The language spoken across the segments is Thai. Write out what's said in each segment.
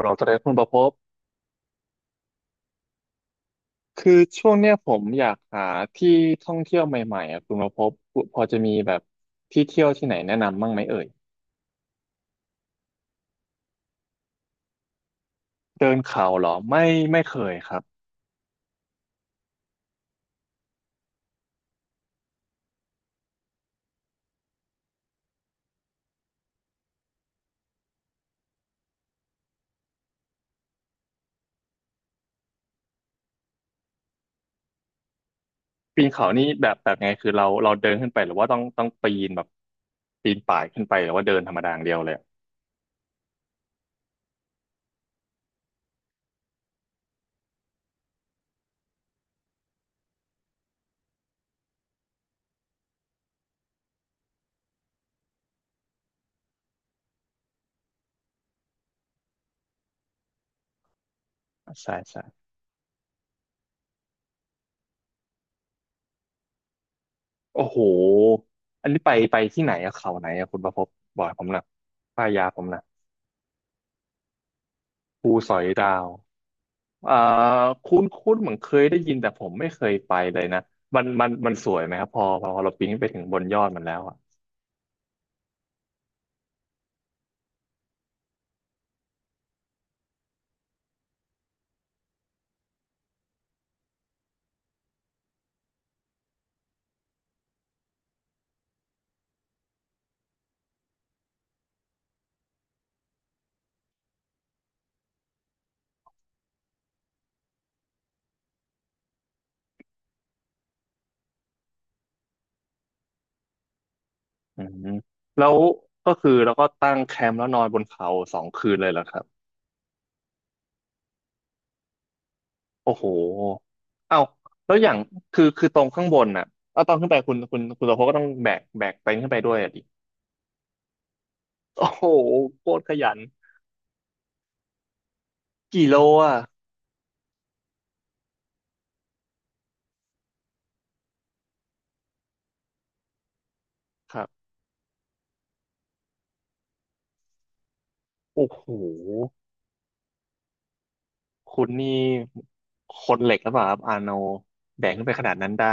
เราจะได้คุณประภพบคือช่วงเนี้ยผมอยากหาที่ท่องเที่ยวใหม่ๆอ่ะคุณประภพบพอจะมีแบบที่เที่ยวที่ไหนแนะนำบ้างไหมเอ่ยเดินเขาเหรอไม่ไม่เคยครับปีนเขานี่แบบไงคือเราเดินขึ้นไปหรือว่าต้องปีนแบบปีนป่ายขึ้นไปหรือว่าเดินธรรมดาอย่างเดียวเลยอะใช่ใช่โอ้โหอันนี้ไปที่ไหนอะเขาไหนอะคุณประภพบบอกผมหน่อยป้ายยาผมหนะภูสอยดาว เอ่อคุ้นคุ้นเหมือนเคยได้ยินแต่ผมไม่เคยไปเลยนะมันสวยไหมครับพอเราปีนขึ้นไปถึงบนยอดมันแล้วอ่ะอืมแล้วก็คือเราก็ตั้งแคมป์แล้วนอนบนเขาสองคืนเลยเหรอครับโอ้โหเอ้าแล้วอย่างคือตรงข้างบนน่ะเอาตอนขึ้นไปคุณโตโพก็ต้องแบกเต็นท์ขึ้นไปด้วยอ่ะดิโอ้โหโคตรขยันกี่โลอ่ะครับโอ้โหคุณนี่คนเหล็กหรือเปล่าครับอาโนแบกขึ้นไปขนาดนั้นได้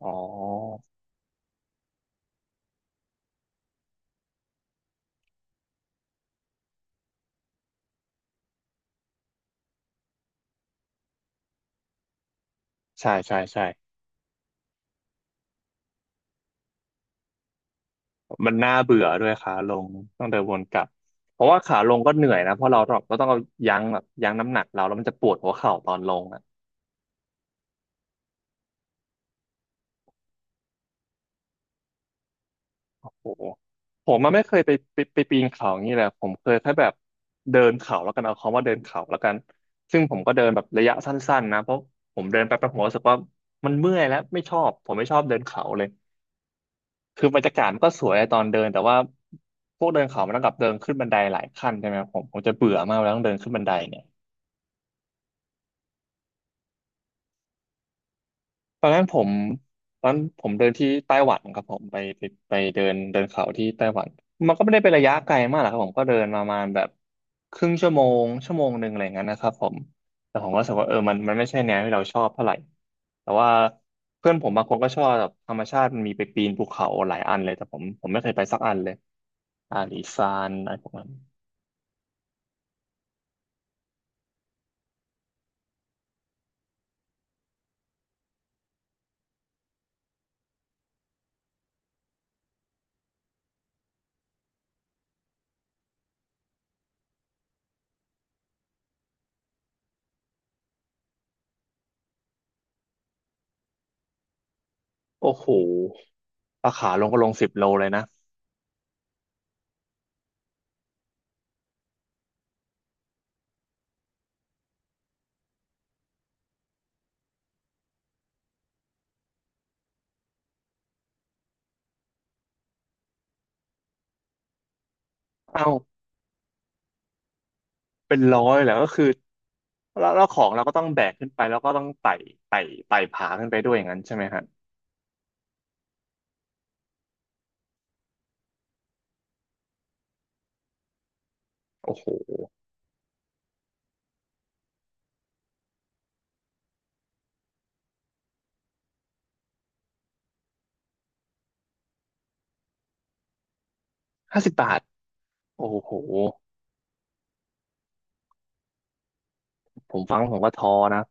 อ๋อ ใช่ใช่ใช่ มันน่าเบื่อด้วยขาลงต้องเดินวนกลับเพราะว่าขาลงก็เหนื่อยนะเพราะเราต้องเอายั้งแบบยั้งน้ำหนักเราแล้วมันจะปวดหัวเข่าตอนลงอ่ะโอ้โหผมมันไม่เคยไปปีนเขาอย่างนี้แหละผมเคยแค่แบบเดินเขาแล้วกันเอาคำว่าเดินเขาแล้วกันซึ่งผมก็เดินแบบระยะสั้นๆนะเพราะผมเดินไปประหัวรู้สึกว่ามันเมื่อยแล้วไม่ชอบผมไม่ชอบเดินเขาเลยคือบรรยากาศมันก็สวยตอนเดินแต่ว่าพวกเดินเขามันต้องกลับเดินขึ้นบันไดหลายขั้นใช่ไหมครับผมจะเบื่อมากเวลาต้องเดินขึ้นบันไดเนี่ย ตอนนั้นผมตอนผมเดินที่ไต้หวันครับผมไปเดินเดินเขาที่ไต้หวันมันก็ไม่ได้เป็นระยะไกลมากหรอกครับผมก็เดินประมาณแบบครึ่งชั่วโมงชั่วโมงหนึ่งอะไรอย่างนั้นนะครับผมแต่ผมก็รู้สึกว่าเออมันไม่ใช่แนวที่เราชอบเท่าไหร่แต่ว่าเพื่อนผมบางคนก็ชอบแบบธรรมชาติมันมีไปปีนภูเขาหลายอันเลยแต่ผมไม่เคยไปสักอันเลยอาลีซานอะไรพวกนั้นโอ้โหราคาลงก็ลงสิบโลเลยนะเอ้า เป็นร้อยแล้วก็คือแล้วของเราก็ต้องแบกขึ้นไปแล้วก็ต้องไต่ไต่ผาขึ้นไปด้วยอย่างนั้นใช่ไหมฮะโอ้โหห้าสิบบาทโอ้โหผมฟังแล้วผมก็ท้อนะ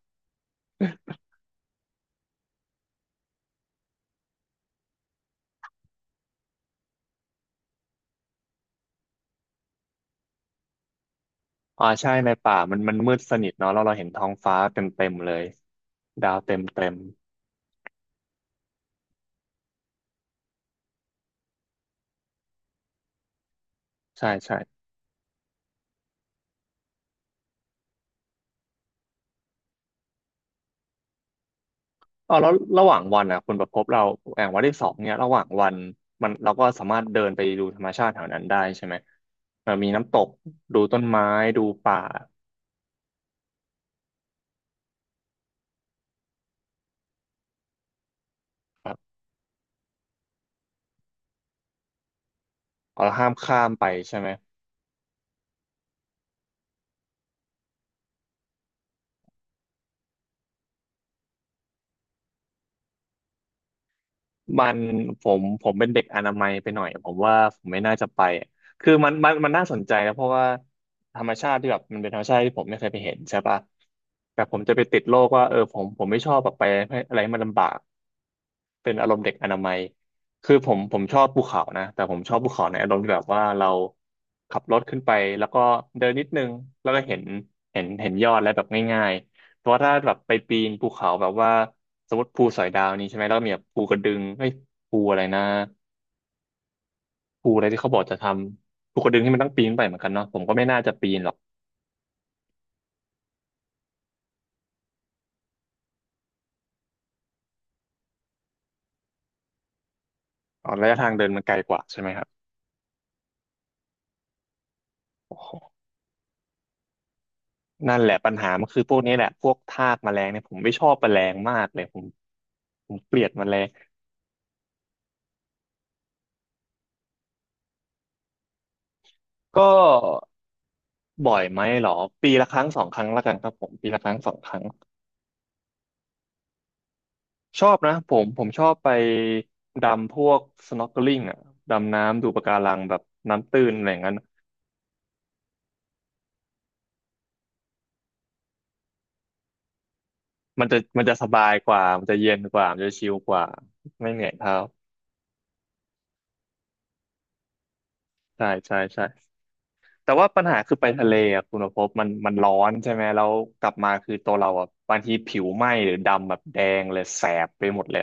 อ่าใช่ในป่ามันมืดสนิทเนาะแล้วเราเห็นท้องฟ้าเต็มเลยดาวเต็มใช่ใช่อ๋อแล้วระหว่างวันอ่ะคุณประพบเราแองวันที่สองเนี่ยระหว่างวันมันเราก็สามารถเดินไปดูธรรมชาติแถวนั้นได้ใช่ไหมเอ่อมีน้ำตกดูต้นไม้ดูป่าครับเราห้ามข้ามไปใช่ไหม มันผมเป็นเด็กอนามัยไปหน่อยผมว่าผมไม่น่าจะไปอะคือมันน่าสนใจนะเพราะว่าธรรมชาติที่แบบมันเป็นธรรมชาติที่ผมไม่เคยไปเห็นใช่ปะแต่ผมจะไปติดโรคว่าเออผมไม่ชอบแบบไปให้อะไรให้มันลำบาก เป็นอารมณ์เด็กอนามัยคือผมชอบภูเขานะแต่ผมชอบภูเขาในอารมณ์ที่แบบว่าเราขับรถขึ้นไปแล้วก็เดินนิดนึงแล้วก็เห็นเห็นยอดแล้วแบบง่ายๆเพราะว่าถ้าแบบไปปีนภูเขาแบบว่าสมมติภูสอยดาวนี้ใช่ไหมแล้วก็มีแบบภูกระดึงเอ้ยภูอะไรนะภูอะไรที่เขาบอกจะทำภูกระดึงที่มันต้องปีนไปเหมือนกันเนาะผมก็ไม่น่าจะปีนหรอกอ๋อระยะทางเดินมันไกลกว่าใช่ไหมครับโอ้โหนั่นแหละปัญหามันคือพวกนี้แหละพวกทากแมลงเนี่ยผมไม่ชอบแมลงมากเลยผมเกลียดแมลง ก็บ่อยไหมเหรอปีละครั้งสองครั้งละกันครับผมปีละครั้งสองครั้งชอบนะผมชอบไปดำพวก snorkeling อ่ะดำน้ำดูปะการังแบบน้ำตื้นอะไรอย่างนั้นมันจะสบายกว่ามันจะเย็นกว่ามันจะชิลกว่าไม่เหนื่อยเท้าใช่ใช่ใช่แต่ว่าปัญหาคือไปทะเลอ่ะคุณภพมันร้อนใช่ไหมแล้วกลับมาคือตัวเราอ่ะบางทีผิวไหม้หรือดำแบบแดงเลยแสบไปหมดเลย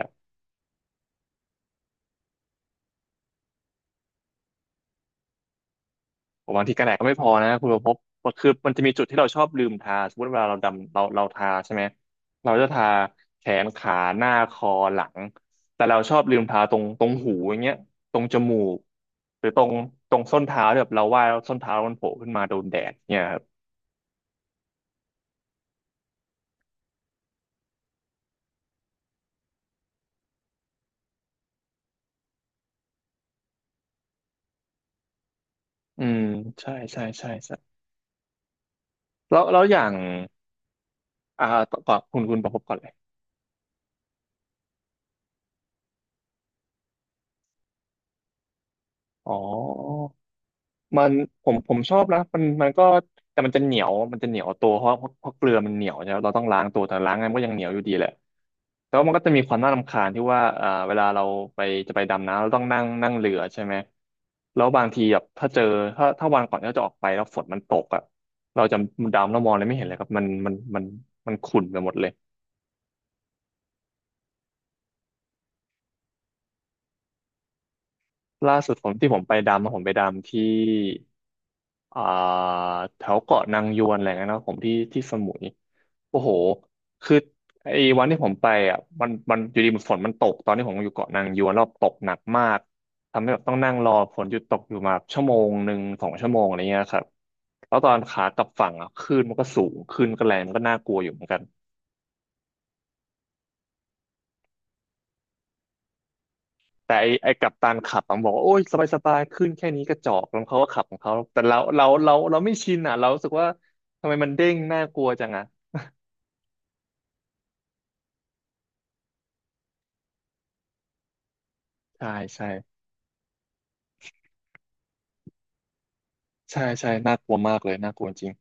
ผมบางทีกันแดดก็ไม่พอนะคุณประพบคือมันจะมีจุดที่เราชอบลืมทาสมมติเวลาเราดำเราทาใช่ไหมเราจะทาแขนขาหน้าคอหลังแต่เราชอบลืมทาตรงหูอย่างเงี้ยตรงจมูกหรือตรงส้นเท้าที่แบบเราว่ายแล้วส้นเท้ามันโผล่ขึ้นมาโดนแดดเนี่ยครับอืมใช่ใช่ใช่ใช่แล้วอย่างอ่าก่อนคุณประพบก่อนเลยอ๋อ มันผมชอบนะมันก็แต่มันจะเหนียวมันจะเหนียวตัวเพราะเกลือมันเหนียวใช่ไหมเราต้องล้างตัวแต่ล้างไงมันก็ยังเหนียวอยู่ดีแหละแต่ว่ามันก็จะมีความน่ารำคาญที่ว่าเอ่าเวลาเราไปจะไปดำน้ำเราต้องนั่งนั่งเรือใช่ไหมแล้วบางทีแบบถ้าเจอถ้าวันก่อนที่เราจะออกไปแล้วฝนมันตกอ่ะเราจะดำแล้วมองอะไรไม่เห็นเลยครับมันมันขุ่นไปหมดเลยล่าสุดผมที่ผมไปดำอะผมไปดำที่อ่าแถวเกาะนางยวนอะไรเงี้ยนะผมที่สมุย โอ้โห คือไอ้วันที่ผมไปอ่ะ มันอยู่ดีมันฝนมันตกตอนที่ผมอยู่เกาะนางยวนรอบตกหนักมากทำให้แบบต้องนั่งรอฝนหยุดตกอยู่มาชั่วโมงหนึ่งสองชั่วโมงอะไรเงี้ยครับแล้วตอนขากลับฝั่งอ่ะคลื่นมันก็สูงคลื่นก็แรงมันก็น่ากลัวอยู่เหมือนกันแต่ไอ้กัปตันขับมันบอกว่าโอ้ยสบายสบายคลื่นแค่นี้กระจอกแล้วเขาก็ขับของเขาแต่เราไม่ชินอ่ะเรารู้สึกว่าทำไมมันเด้งน่ากลัวจังอ่ะใช่ใช่ใช่ใช่น่ากลัวมากเลยน่ากลัวจริง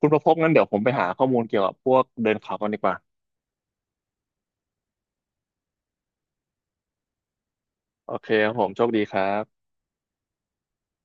คุณประพบงั้นเดี๋ยวผมไปหาข้อมูลเกี่ยวกับพวกเดินเขากันดีกว่าโอเคครับผมโชคดีครับ